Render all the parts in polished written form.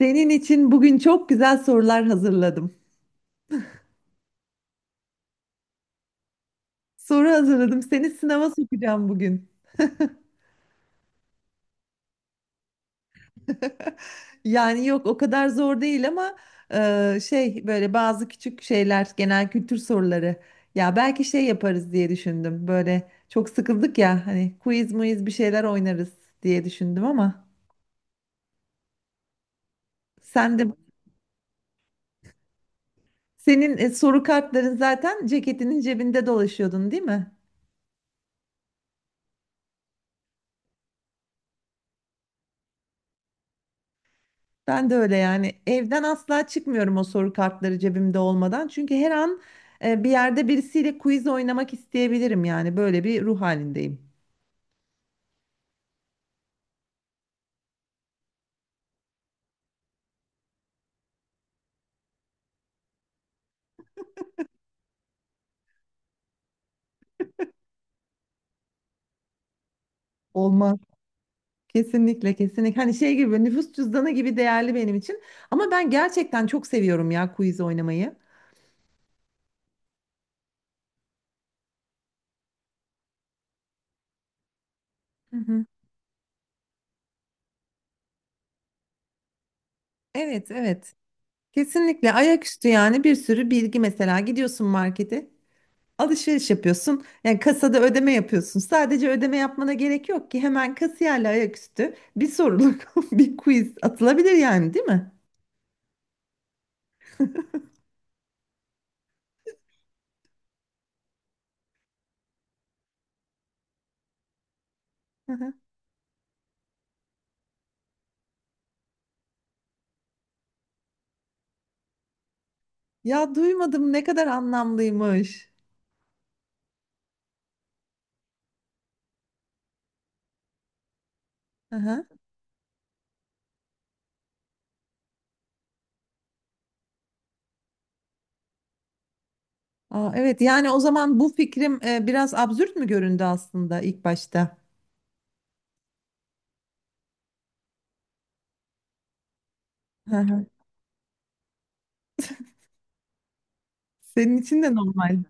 Senin için bugün çok güzel sorular hazırladım. Soru hazırladım. Seni sınava sokacağım bugün. Yani yok, o kadar zor değil ama şey, böyle bazı küçük şeyler, genel kültür soruları. Ya belki şey yaparız diye düşündüm. Böyle çok sıkıldık ya, hani quiz muiz bir şeyler oynarız diye düşündüm ama sen de senin soru kartların zaten ceketinin cebinde dolaşıyordun, değil mi? Ben de öyle yani, evden asla çıkmıyorum o soru kartları cebimde olmadan. Çünkü her an bir yerde birisiyle quiz oynamak isteyebilirim, yani böyle bir ruh halindeyim. Olmaz. Kesinlikle kesinlikle. Hani şey gibi, nüfus cüzdanı gibi değerli benim için. Ama ben gerçekten çok seviyorum ya quiz oynamayı. Hı hı. Evet, evet. Kesinlikle ayaküstü, yani bir sürü bilgi. Mesela gidiyorsun markete, alışveriş yapıyorsun. Yani kasada ödeme yapıyorsun. Sadece ödeme yapmana gerek yok ki. Hemen kasiyerle ayaküstü bir soruluk bir quiz atılabilir yani, değil mi? Hı hı. Ya duymadım, ne kadar anlamlıymış. Hı hı. Aa, evet, yani o zaman bu fikrim biraz absürt mü göründü aslında ilk başta? Hı hı. Senin için de normal.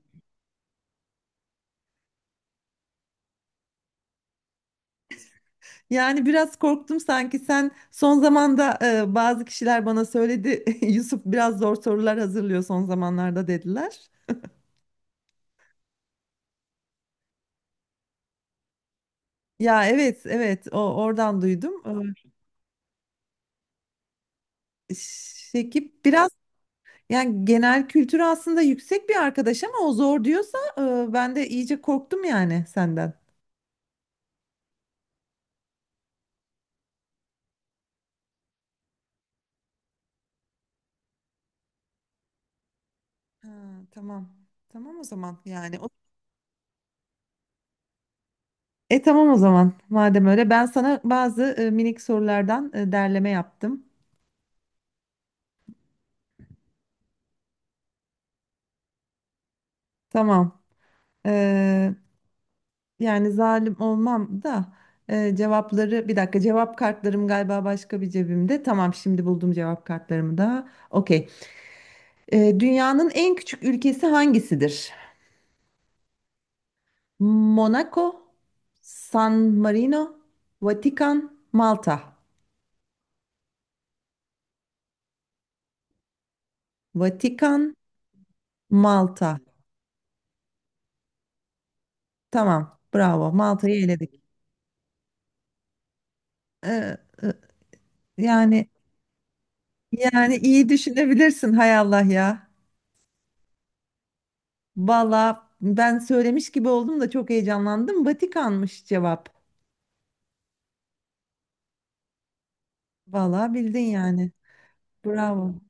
Yani biraz korktum, sanki sen son zamanda bazı kişiler bana söyledi. Yusuf biraz zor sorular hazırlıyor son zamanlarda dediler. Ya evet, evet, o oradan duydum. Şekip biraz, yani genel kültürü aslında yüksek bir arkadaş ama o zor diyorsa ben de iyice korktum yani senden. Ha, tamam. Tamam o zaman yani. E tamam o zaman. Madem öyle ben sana bazı minik sorulardan derleme yaptım. Tamam. Ee, yani zalim olmam da cevapları, bir dakika, cevap kartlarım galiba başka bir cebimde. Tamam, şimdi buldum cevap kartlarımı da. Okey. Dünyanın en küçük ülkesi hangisidir? Monaco, San Marino, Vatikan, Malta. Vatikan, Malta. Tamam, bravo. Malta'yı eledik. Ee, e, yani yani iyi düşünebilirsin, hay Allah ya. Valla ben söylemiş gibi oldum da çok heyecanlandım. Vatikan'mış cevap. Valla bildin yani. Bravo.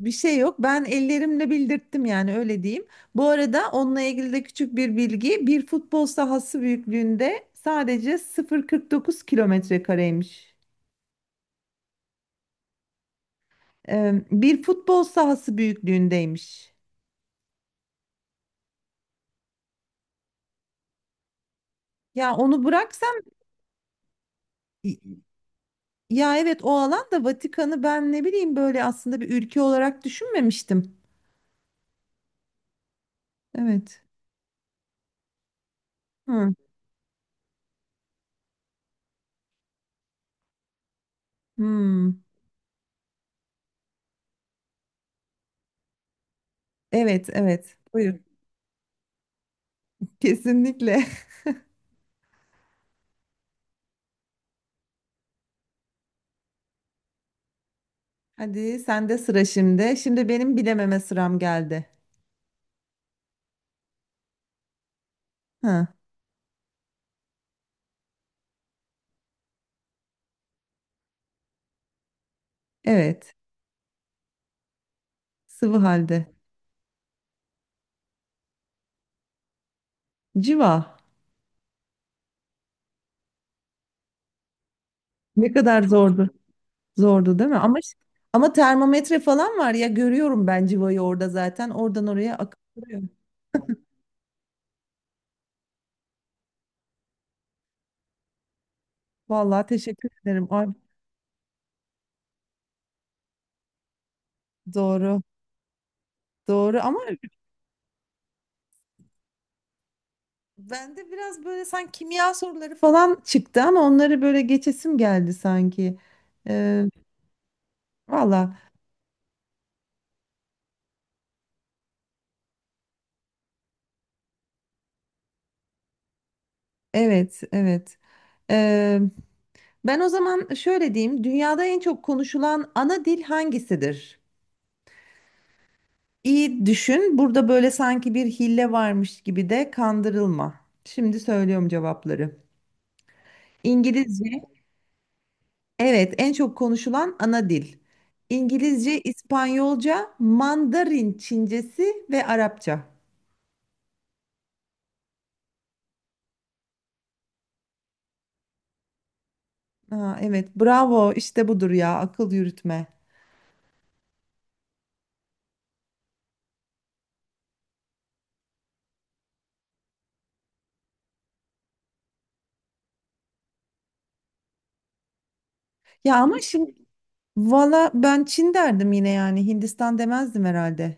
Bir şey yok. Ben ellerimle bildirttim yani, öyle diyeyim. Bu arada onunla ilgili de küçük bir bilgi. Bir futbol sahası büyüklüğünde, sadece 0,49 kilometre kareymiş. Bir futbol sahası büyüklüğündeymiş. Ya onu bıraksam, ya evet, o alan da Vatikan'ı ben ne bileyim, böyle aslında bir ülke olarak düşünmemiştim. Evet. Hı. Hmm. Evet, evet. Buyur. Kesinlikle. Hadi sende sıra şimdi. Şimdi benim bilememe sıram geldi. Hı. Evet, sıvı halde. Civa. Ne kadar zordu. Zordu, değil mi? Ama işte, ama termometre falan var ya, görüyorum ben civayı orada zaten. Oradan oraya akıp duruyor. Vallahi teşekkür ederim. Ay, doğru. Doğru ama bende biraz böyle sanki kimya soruları falan çıktı ama onları böyle geçesim geldi sanki. Ee, valla evet, evet. Ee, ben o zaman şöyle diyeyim. Dünyada en çok konuşulan ana dil hangisidir? İyi düşün. Burada böyle sanki bir hile varmış gibi de kandırılma. Şimdi söylüyorum cevapları. İngilizce, evet, en çok konuşulan ana dil. İngilizce, İspanyolca, Mandarin Çincesi ve Arapça. Ha, evet, bravo, işte budur ya, akıl yürütme. Ya ama şimdi valla ben Çin derdim yine, yani Hindistan demezdim herhalde.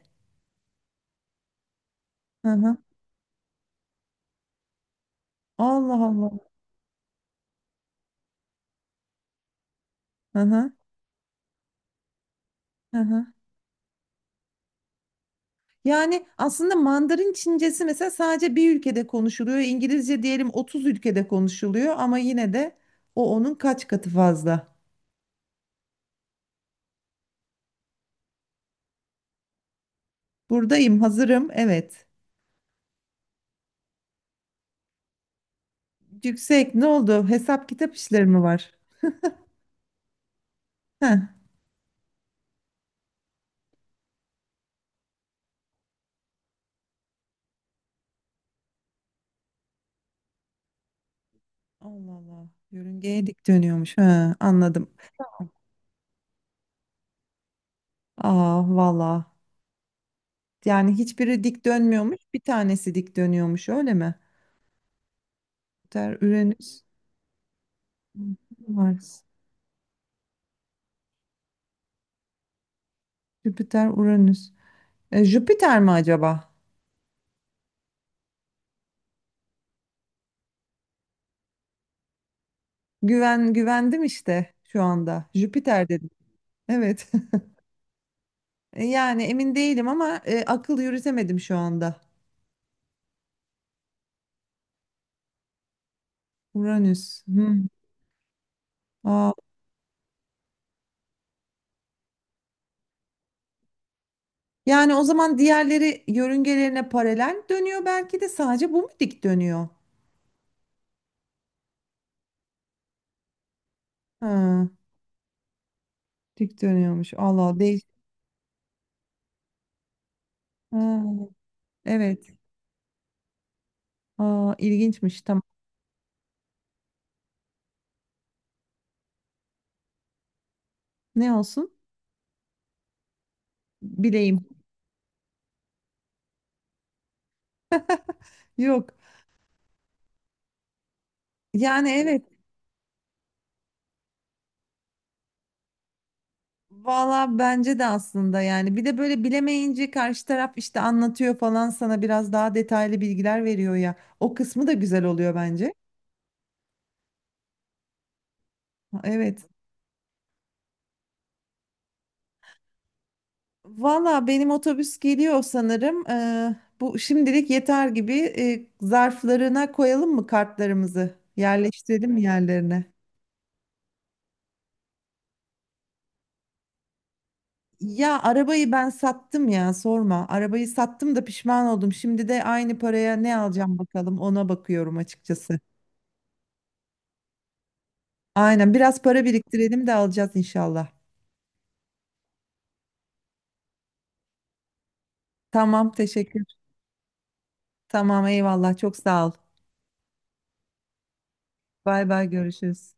Hı hı. Allah Allah. Hı hı. Hı hı. Yani aslında Mandarin Çincesi mesela sadece bir ülkede konuşuluyor. İngilizce diyelim 30 ülkede konuşuluyor ama yine de o onun kaç katı fazla. Buradayım, hazırım. Evet. Yüksek ne oldu? Hesap kitap işleri mi var? Heh. Allah Allah. Yörüngeye dik dönüyormuş. Ha, anladım. Aa valla. Yani hiçbiri dik dönmüyormuş. Bir tanesi dik dönüyormuş öyle mi? Jüpiter, Uranüs, Mars, Jüpiter, Uranüs. Jüpiter mi acaba? Güven güvendim işte şu anda. Jüpiter dedim. Evet. Yani emin değilim ama akıl yürütemedim şu anda. Uranüs. Hmm. Aa, yani o zaman diğerleri yörüngelerine paralel dönüyor, belki de sadece bu mu dik dönüyor? Ha, dik dönüyormuş. Allah Allah, değil. Ha, evet. Aa, ilginçmiş. Tamam. Ne olsun? Bileyim. Yok. Yani evet. Valla bence de aslında, yani bir de böyle bilemeyince karşı taraf işte anlatıyor falan, sana biraz daha detaylı bilgiler veriyor ya. O kısmı da güzel oluyor bence. Evet. Valla benim otobüs geliyor sanırım. Bu şimdilik yeter gibi. Zarflarına koyalım mı kartlarımızı? Yerleştirelim yerlerine? Ya arabayı ben sattım ya, sorma. Arabayı sattım da pişman oldum. Şimdi de aynı paraya ne alacağım, bakalım ona bakıyorum açıkçası. Aynen, biraz para biriktirelim de alacağız inşallah. Tamam, teşekkür. Tamam, eyvallah, çok sağ ol. Bay bay, görüşürüz.